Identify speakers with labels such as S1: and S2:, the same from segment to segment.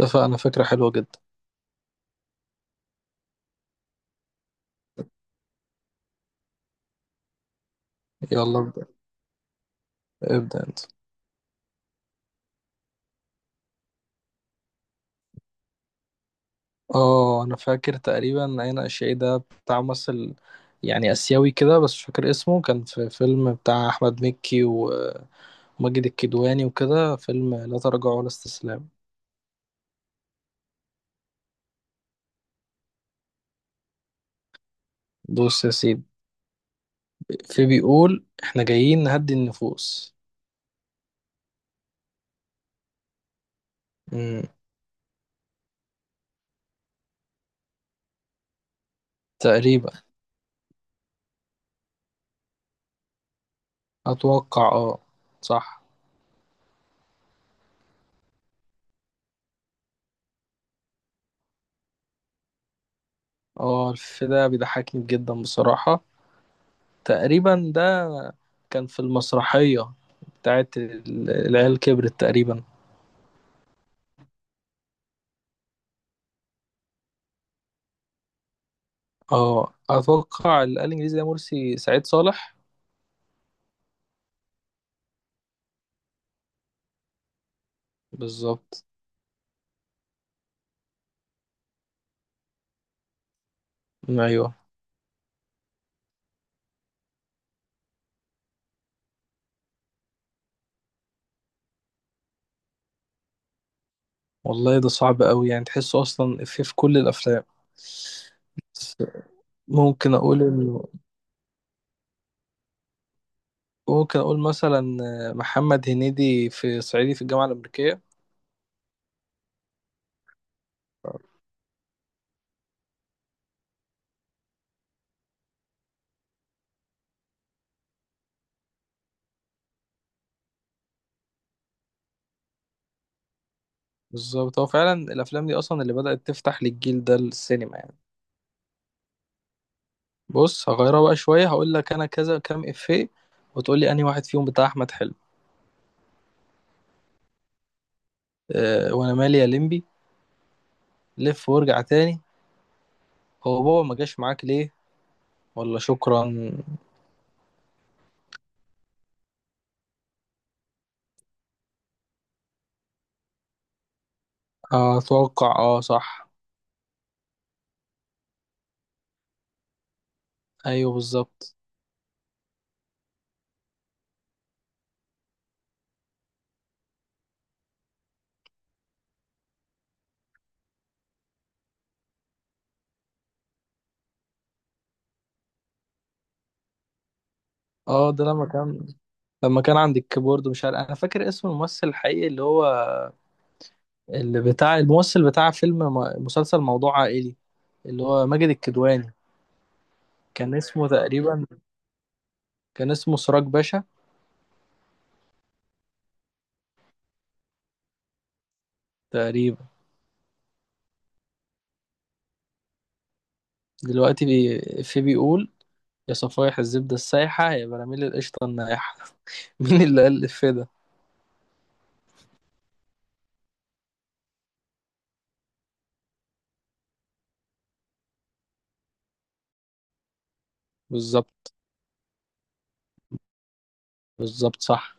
S1: اتفقنا، فكرة حلوة جدا. يلا ابدأ. ابدأ انت. اه، انا فاكر تقريبا عين اشعي ده بتاع ممثل يعني اسيوي كده، بس مش فاكر اسمه. كان في فيلم بتاع احمد مكي وماجد الكدواني وكده، فيلم لا تراجع ولا استسلام. بص يا سيدي، في بيقول احنا جايين نهدي النفوس. امم تقريبا. اتوقع، اه صح. اه، الفيلم ده بيضحكني جدا بصراحة. تقريبا ده كان في المسرحية بتاعت العيال كبرت تقريبا. اه، اتوقع اللي قال انجليزي ده مرسي سعيد صالح. بالظبط. ايوه، والله ده صعب قوي، يعني تحسه اصلا في كل الافلام. بس ممكن اقول انه، ممكن اقول مثلا محمد هنيدي في صعيدي في الجامعة الأمريكية. بالظبط، هو فعلا الافلام دي اصلا اللي بدأت تفتح للجيل ده السينما يعني. بص، هغيرها بقى شوية. هقول لك انا كذا كام افيه وتقول لي انهي واحد فيهم بتاع احمد حلمي. وانا مالي يا لمبي. لف وارجع تاني. هو بابا ما جاش معاك ليه؟ ولا شكرا. آه، اتوقع اه صح. ايوه بالظبط. اه، ده لما كان، لما كان عند الكيبورد. مش عارف، انا فاكر اسم الممثل الحقيقي اللي هو، اللي بتاع الممثل بتاع فيلم مسلسل موضوع عائلي، اللي هو ماجد الكدواني. كان اسمه تقريبا، كان اسمه سراج باشا. تقريبا. دلوقتي في بيقول يا صفايح الزبدة السايحة يا براميل القشطة النايحة. مين اللي قال الإفيه ده؟ بالظبط. بالظبط صح.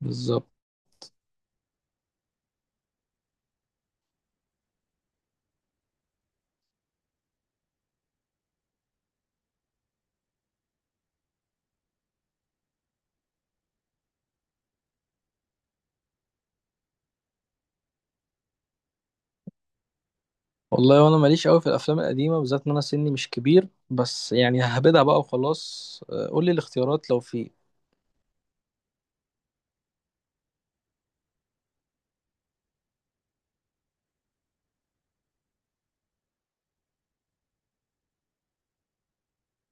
S1: بالظبط. والله وانا ماليش قوي في الافلام القديمه، بالذات ان انا سني مش كبير، بس يعني ههبدها بقى وخلاص. آه، قول لي الاختيارات لو في.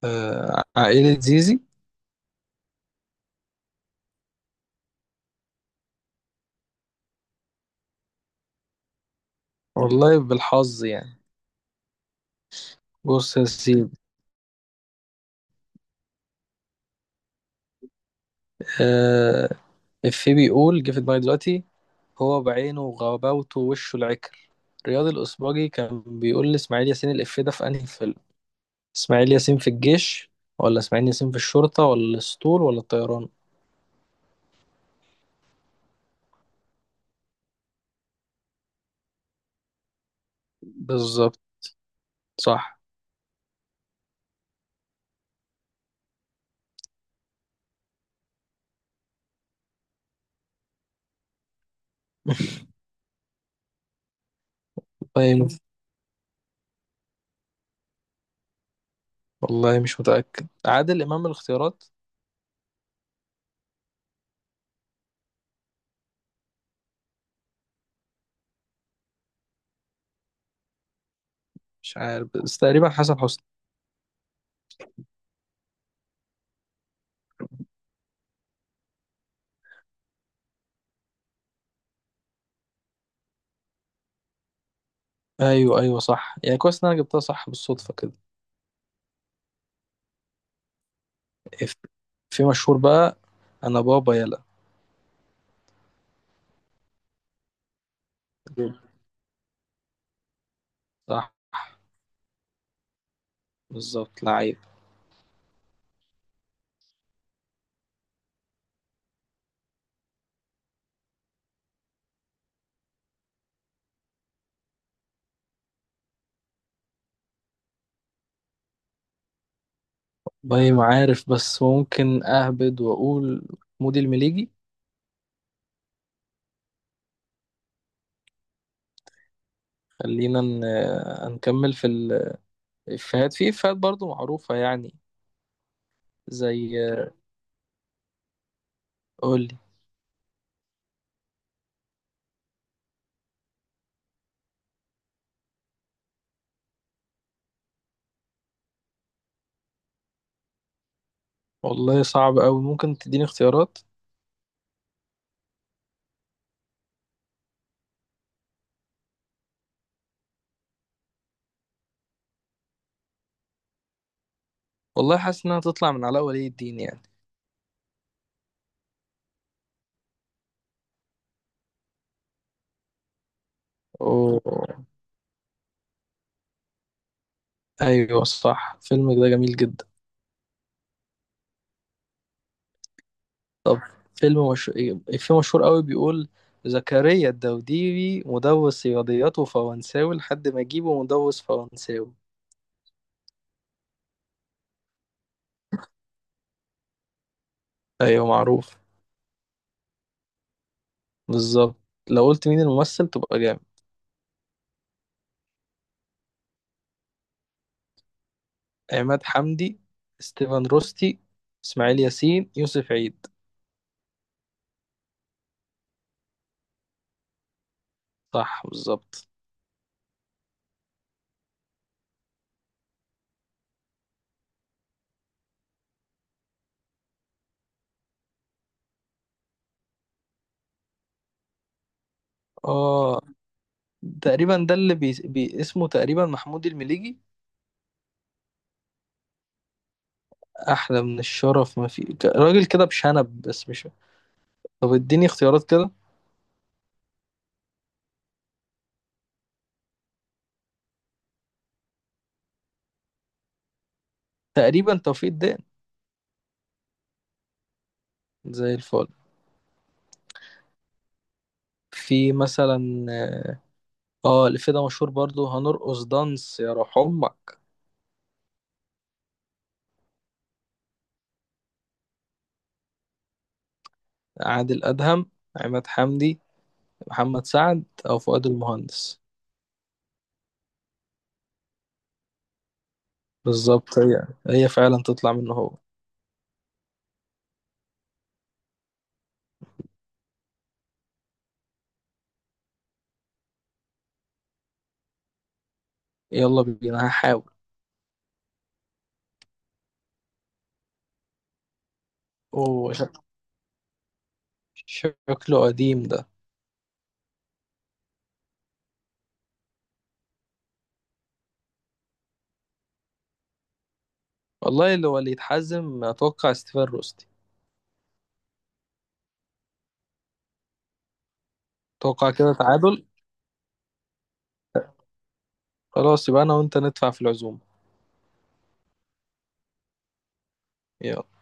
S1: آه، عائله زيزي. والله بالحظ يعني. بص يا سيدي. آه، إفيه بيقول، جه في دماغي دلوقتي. هو بعينه وغباوته ووشه العكر. رياض الاسباجي كان بيقول لاسماعيل ياسين الإفيه ده في انهي فيلم؟ اسماعيل ياسين في الجيش، ولا اسماعيل ياسين في الشرطه، ولا الاسطول، ولا الطيران؟ بالظبط صح. طيب. والله مش متأكد عادل إمام. الاختيارات؟ مش عارف، بس تقريبا حسن حسني. أيوه أيوه صح. يعني كويس إن أنا جبتها صح بالصدفة كده. إف- في مشهور بقى، أنا بابا يلا. صح بالظبط، لعيب. باي، ما عارف، بس ممكن أهبد وأقول مودي المليجي. خلينا نكمل في الإفيهات. في إفيهات برضو معروفة يعني، زي. قولي. والله صعب أوي، ممكن تديني اختيارات. والله حاسس إنها تطلع من علاء ولي الدين يعني. أوه. ايوه صح، فيلم ده جميل جدا. طب، فيلم مش... فيلم مشهور قوي بيقول زكريا الدوديبي مدرس رياضيات وفرنساوي لحد ما يجيبه مدرس فرنساوي. ايوه معروف. بالظبط. لو قلت مين الممثل تبقى جامد. عماد حمدي، ستيفن روستي، اسماعيل ياسين، يوسف عيد. صح بالظبط. اه، تقريبا ده اللي اسمه تقريبا محمود المليجي. احلى من الشرف ما في، راجل كده بشنب، بس مش. طب اديني اختيارات كده. تقريبا توفيق الدقن. زي الفل. في مثلا اه، آه، اللي في ده مشهور برضو، هنرقص دانس يا روح امك. عادل ادهم، عماد حمدي، محمد سعد، او فؤاد المهندس. بالظبط هي، هي فعلا تطلع منه هو. يلا بينا هحاول. اوه، شكله قديم ده. والله اللي هو اللي يتحزم، اتوقع ستيفان روستي. اتوقع كده تعادل. خلاص، يبقى انا وانت ندفع في العزومه. يلا.